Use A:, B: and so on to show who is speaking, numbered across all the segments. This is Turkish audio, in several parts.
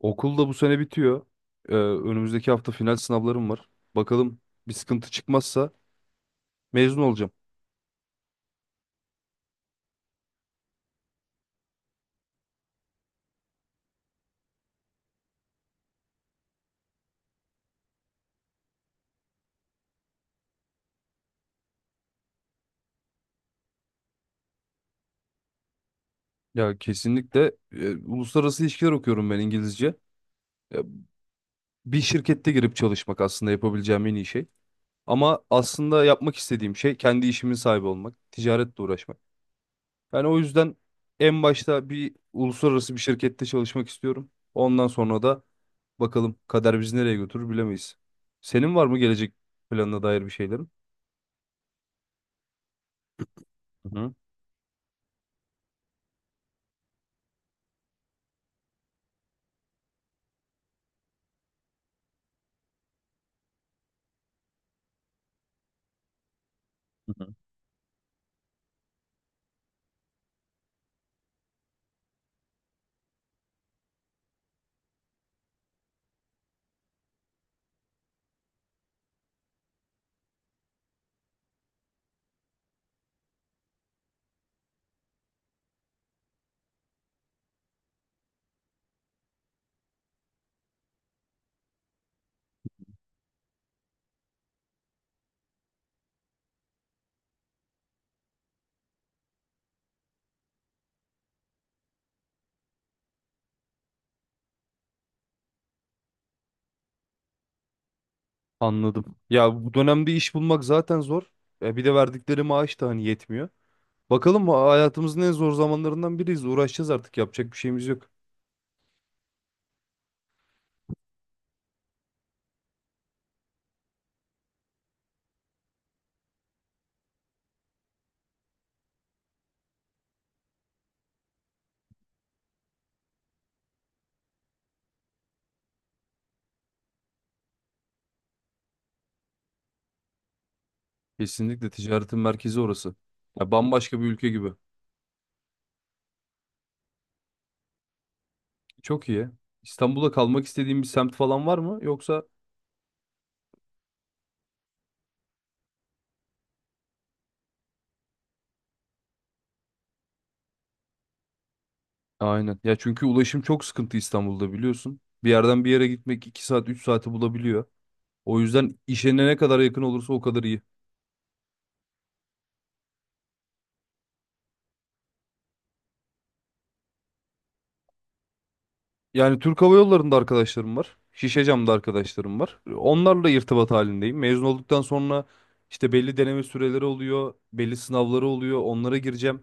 A: Okul da bu sene bitiyor. Önümüzdeki hafta final sınavlarım var. Bakalım bir sıkıntı çıkmazsa mezun olacağım. Ya kesinlikle uluslararası ilişkiler okuyorum ben İngilizce. Ya, bir şirkette girip çalışmak aslında yapabileceğim en iyi şey. Ama aslında yapmak istediğim şey kendi işimin sahibi olmak, ticaretle uğraşmak. Yani o yüzden en başta bir uluslararası bir şirkette çalışmak istiyorum. Ondan sonra da bakalım kader bizi nereye götürür bilemeyiz. Senin var mı gelecek planına dair bir şeylerin? Hı hı. Anladım. Ya bu dönemde iş bulmak zaten zor. E bir de verdikleri maaş da hani yetmiyor. Bakalım hayatımızın en zor zamanlarından biriyiz. Uğraşacağız artık. Yapacak bir şeyimiz yok. Kesinlikle ticaretin merkezi orası. Ya bambaşka bir ülke gibi. Çok iyi. İstanbul'da kalmak istediğin bir semt falan var mı? Yoksa aynen. Ya çünkü ulaşım çok sıkıntı İstanbul'da biliyorsun. Bir yerden bir yere gitmek 2 saat 3 saati bulabiliyor. O yüzden işine ne kadar yakın olursa o kadar iyi. Yani Türk Hava Yolları'nda arkadaşlarım var. Şişecam'da arkadaşlarım var. Onlarla irtibat halindeyim. Mezun olduktan sonra işte belli deneme süreleri oluyor, belli sınavları oluyor. Onlara gireceğim.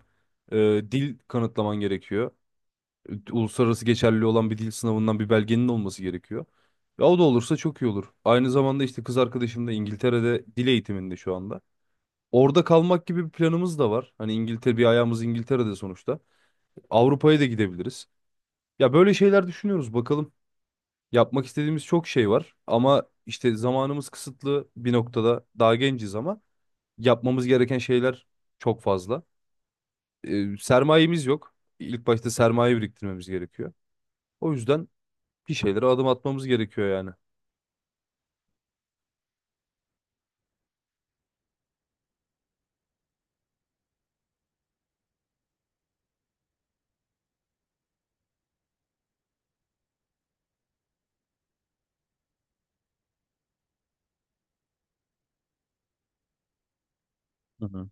A: Ee, Dil kanıtlaman gerekiyor. Uluslararası geçerli olan bir dil sınavından bir belgenin olması gerekiyor. Ya o da olursa çok iyi olur. Aynı zamanda işte kız arkadaşım da İngiltere'de dil eğitiminde şu anda. Orada kalmak gibi bir planımız da var. Hani İngiltere bir ayağımız İngiltere'de sonuçta. Avrupa'ya da gidebiliriz. Ya böyle şeyler düşünüyoruz bakalım. Yapmak istediğimiz çok şey var ama işte zamanımız kısıtlı bir noktada daha genciz ama yapmamız gereken şeyler çok fazla. Sermayemiz yok. İlk başta sermaye biriktirmemiz gerekiyor. O yüzden bir şeylere adım atmamız gerekiyor yani. Hı hı.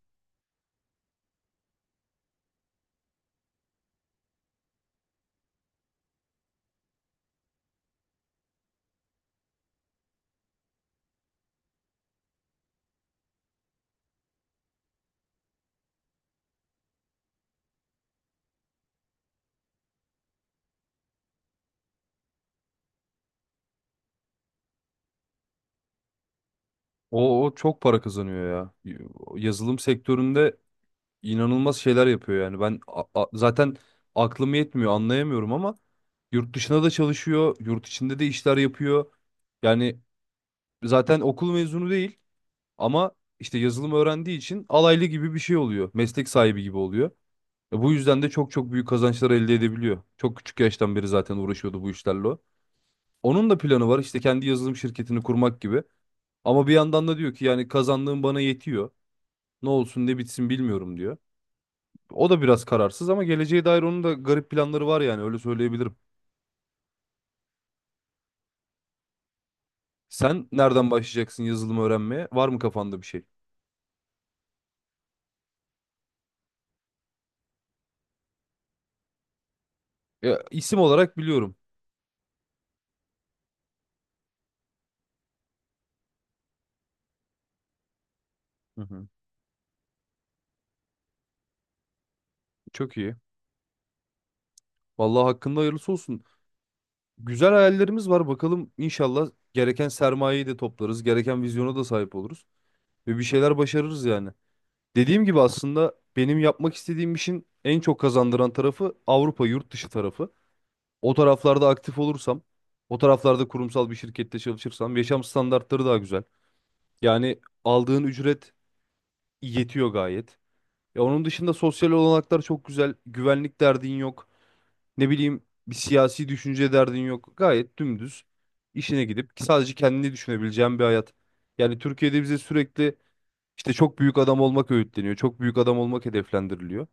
A: O çok para kazanıyor ya. Yazılım sektöründe inanılmaz şeyler yapıyor yani. Ben zaten aklım yetmiyor, anlayamıyorum ama yurt dışına da çalışıyor, yurt içinde de işler yapıyor. Yani zaten okul mezunu değil. Ama işte yazılım öğrendiği için alaylı gibi bir şey oluyor. Meslek sahibi gibi oluyor. E bu yüzden de çok çok büyük kazançlar elde edebiliyor. Çok küçük yaştan beri zaten uğraşıyordu bu işlerle o. Onun da planı var işte kendi yazılım şirketini kurmak gibi. Ama bir yandan da diyor ki yani kazandığım bana yetiyor. Ne olsun ne bitsin bilmiyorum diyor. O da biraz kararsız ama geleceğe dair onun da garip planları var yani öyle söyleyebilirim. Sen nereden başlayacaksın yazılım öğrenmeye? Var mı kafanda bir şey? Ya, isim olarak biliyorum. Hı hı. Çok iyi. Vallahi hakkında hayırlısı olsun. Güzel hayallerimiz var. Bakalım inşallah gereken sermayeyi de toplarız. Gereken vizyona da sahip oluruz. Ve bir şeyler başarırız yani. Dediğim gibi aslında benim yapmak istediğim işin en çok kazandıran tarafı Avrupa yurt dışı tarafı. O taraflarda aktif olursam, o taraflarda kurumsal bir şirkette çalışırsam yaşam standartları daha güzel. Yani aldığın ücret yetiyor gayet. Ya onun dışında sosyal olanaklar çok güzel. Güvenlik derdin yok. Ne bileyim bir siyasi düşünce derdin yok. Gayet dümdüz işine gidip sadece kendini düşünebileceğin bir hayat. Yani Türkiye'de bize sürekli işte çok büyük adam olmak öğütleniyor. Çok büyük adam olmak hedeflendiriliyor.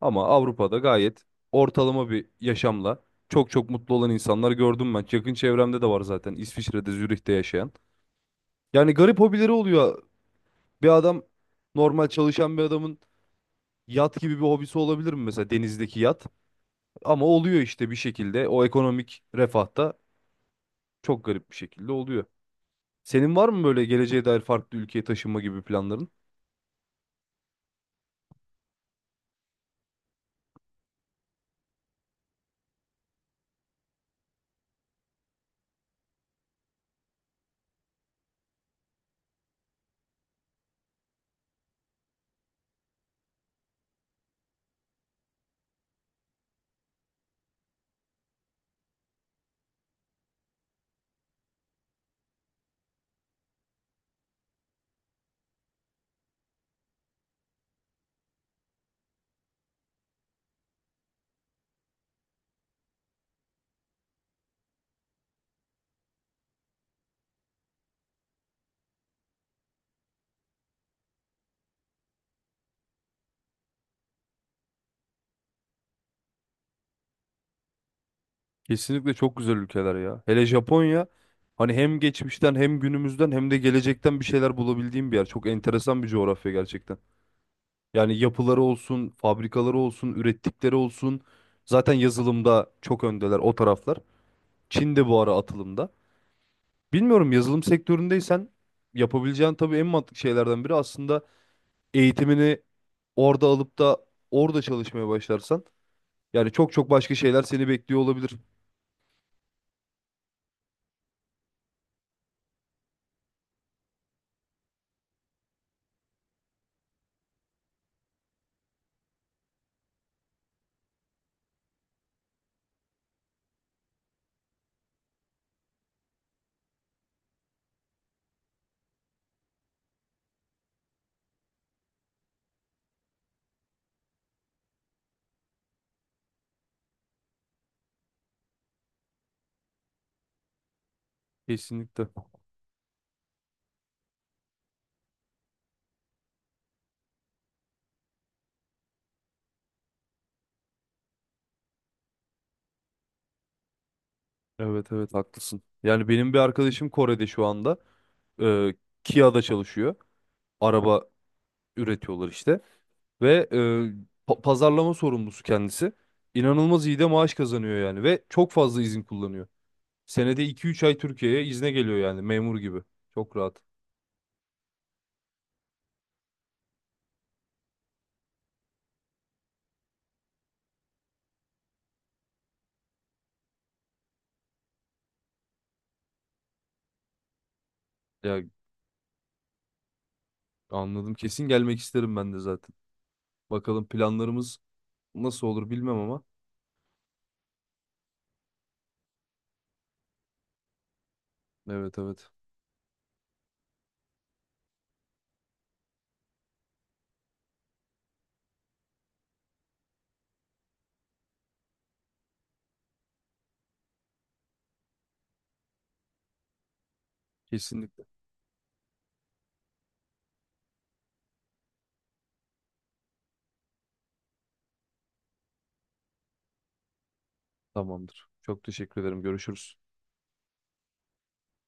A: Ama Avrupa'da gayet ortalama bir yaşamla çok çok mutlu olan insanlar gördüm ben. Yakın çevremde de var zaten İsviçre'de, Zürih'te yaşayan. Yani garip hobileri oluyor. Bir adam normal çalışan bir adamın yat gibi bir hobisi olabilir mi mesela denizdeki yat? Ama oluyor işte bir şekilde o ekonomik refahta çok garip bir şekilde oluyor. Senin var mı böyle geleceğe dair farklı ülkeye taşınma gibi planların? Kesinlikle çok güzel ülkeler ya. Hele Japonya hani hem geçmişten hem günümüzden hem de gelecekten bir şeyler bulabildiğim bir yer. Çok enteresan bir coğrafya gerçekten. Yani yapıları olsun, fabrikaları olsun, ürettikleri olsun. Zaten yazılımda çok öndeler o taraflar. Çin de bu ara atılımda. Bilmiyorum yazılım sektöründeysen yapabileceğin tabii en mantıklı şeylerden biri aslında eğitimini orada alıp da orada çalışmaya başlarsan yani çok çok başka şeyler seni bekliyor olabilir. Kesinlikle. Evet, evet, haklısın. Yani benim bir arkadaşım Kore'de şu anda e, Kia'da çalışıyor. Araba üretiyorlar işte ve pazarlama sorumlusu kendisi. İnanılmaz iyi de maaş kazanıyor yani ve çok fazla izin kullanıyor. Senede 2 3 ay Türkiye'ye izne geliyor yani memur gibi. Çok rahat. Ya, anladım. Kesin gelmek isterim ben de zaten. Bakalım planlarımız nasıl olur bilmem ama. Evet, evet. Kesinlikle. Tamamdır. Çok teşekkür ederim. Görüşürüz.